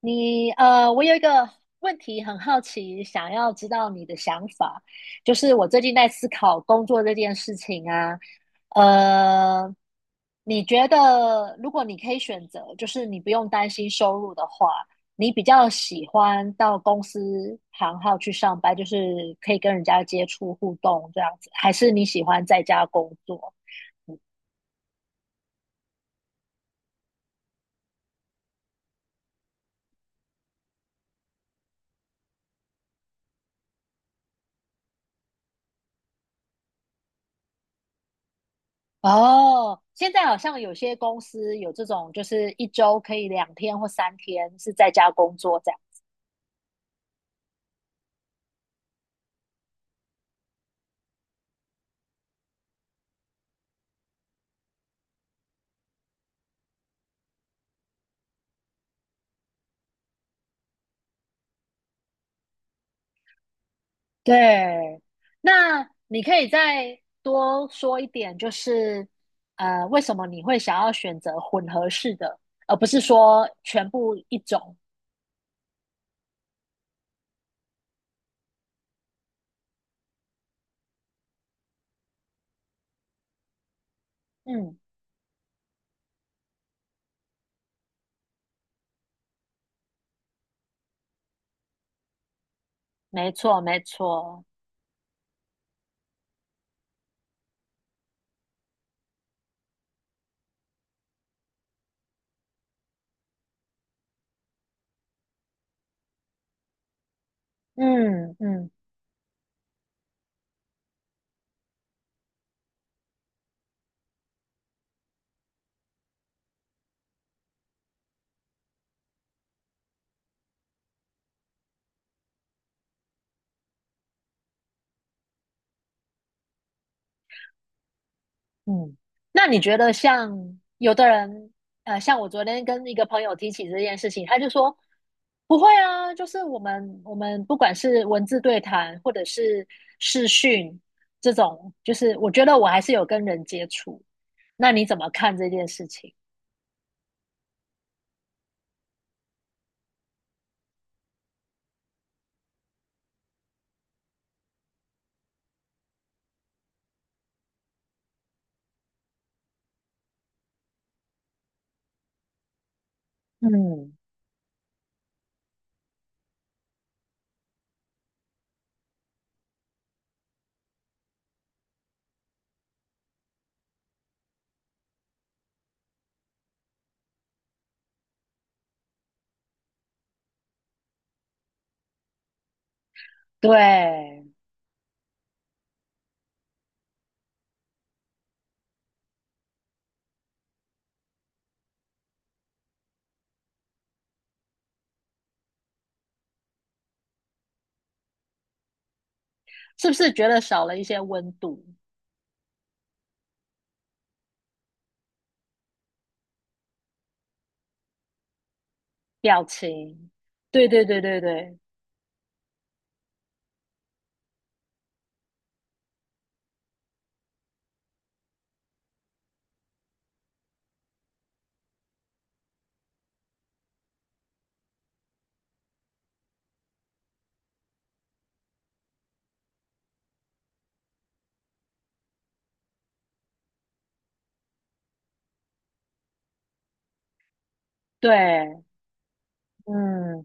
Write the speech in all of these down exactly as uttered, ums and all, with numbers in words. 你呃，我有一个问题很好奇，想要知道你的想法。就是我最近在思考工作这件事情啊，呃，你觉得如果你可以选择，就是你不用担心收入的话，你比较喜欢到公司行号去上班，就是可以跟人家接触互动这样子，还是你喜欢在家工作？哦，现在好像有些公司有这种，就是一周可以两天或三天是在家工作这样。对，那你可以再多说一点，就是呃，为什么你会想要选择混合式的，而不是说全部一种？嗯，没错，没错。嗯嗯。嗯，那你觉得像有的人，呃，像我昨天跟一个朋友提起这件事情，他就说不会啊，就是我们我们不管是文字对谈或者是视讯这种，就是我觉得我还是有跟人接触。那你怎么看这件事情？嗯，对，是不是觉得少了一些温度、表情？对对对对对对，嗯，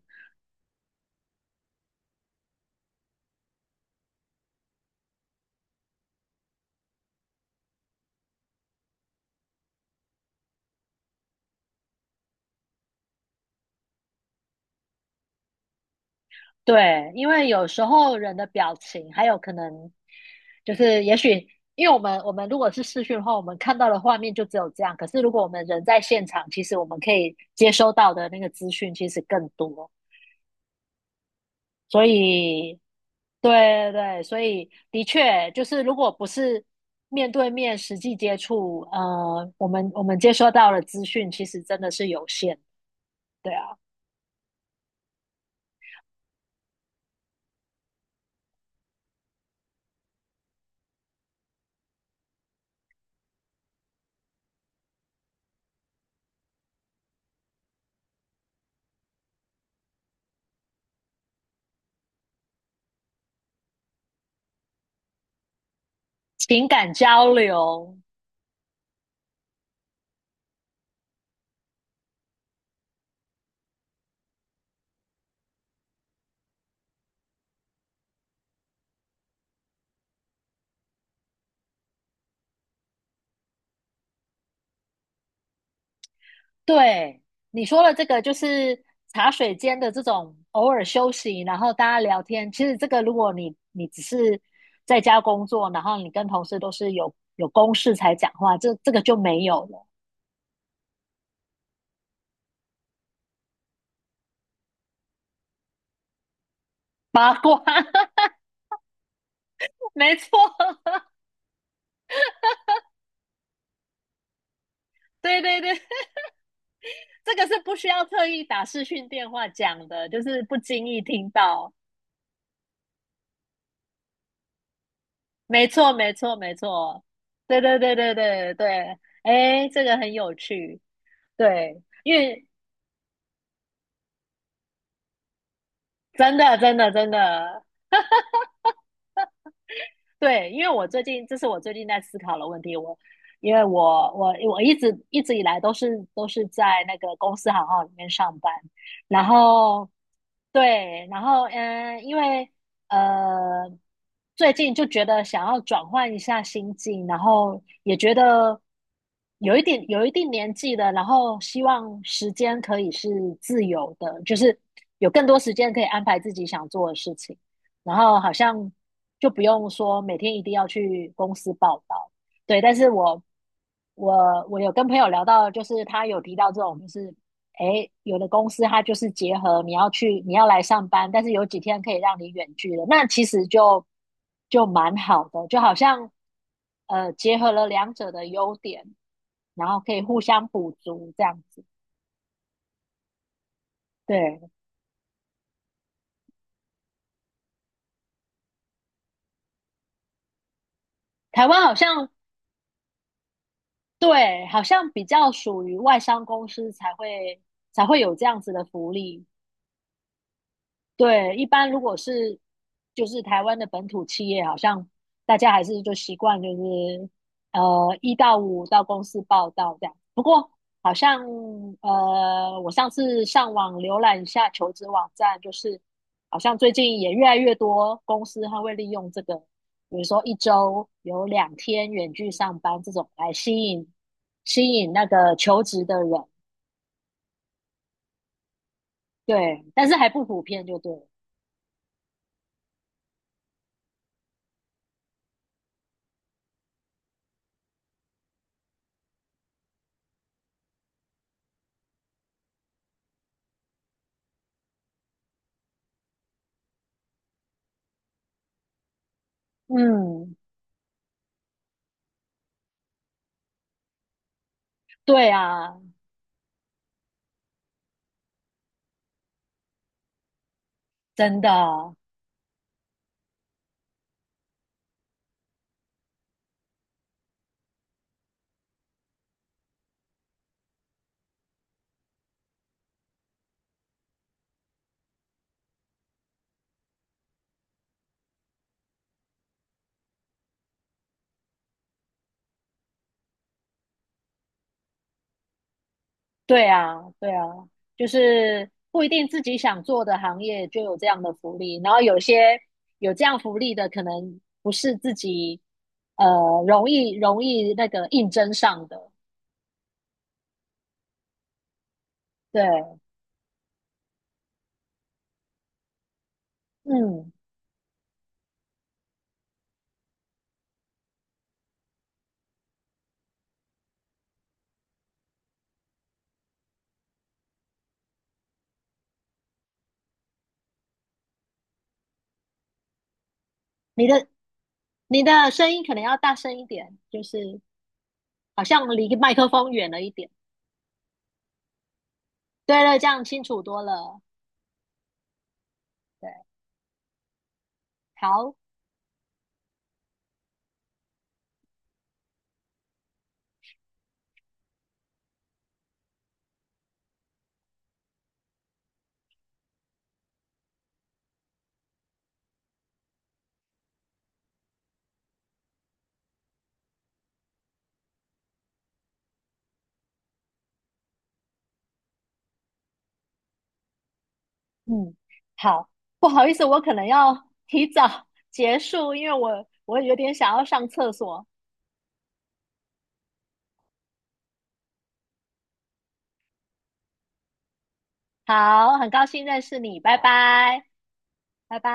对，因为有时候人的表情，还有可能就是也许，因为我们我们如果是视讯的话，我们看到的画面就只有这样。可是如果我们人在现场，其实我们可以接收到的那个资讯其实更多。所以，对对对，所以的确就是如果不是面对面实际接触，呃，我们我们接收到的资讯其实真的是有限。对啊，情感交流，对，你说了这个，就是茶水间的这种偶尔休息，然后大家聊天。其实这个，如果你你只是在家工作，然后你跟同事都是有有公事才讲话，这这个就没有了。八卦，没错，对对对，这个是不需要特意打视讯电话讲的，就是不经意听到。没错，没错，没错，对对对对对对，哎，这个很有趣，对，因为真的真的真的，对，因为我最近这是我最近在思考的问题，我因为我我我一直一直以来都是都是在那个公司行号里面上班，然后对，然后嗯，呃因为呃，最近就觉得想要转换一下心境，然后也觉得有一点有一定年纪了，然后希望时间可以是自由的，就是有更多时间可以安排自己想做的事情，然后好像就不用说每天一定要去公司报道，对，但是我我我有跟朋友聊到，就是他有提到这种，就是。诶，有的公司它就是结合你要去，你要来上班，但是有几天可以让你远距的，那其实就就蛮好的，就好像呃结合了两者的优点，然后可以互相补足这样子。对，台湾好像对，好像比较属于外商公司才会才会有这样子的福利。对，一般如果是就是台湾的本土企业，好像大家还是就习惯就是呃一到五到公司报道这样。不过好像呃我上次上网浏览一下求职网站，就是好像最近也越来越多公司它会利用这个，比如说一周有两天远距上班这种来吸引吸引那个求职的人。对，但是还不普遍就对了。嗯，对啊，真的，对啊，对啊，就是不一定自己想做的行业就有这样的福利，然后有些有这样福利的，可能不是自己呃容易容易那个应征上的。对，嗯，你的你的声音可能要大声一点，就是好像离麦克风远了一点。对对，这样清楚多了。对，好。嗯，好，不好意思，我可能要提早 结束，因为我我有点想要上厕所。好，很高兴认识你，拜拜，拜拜。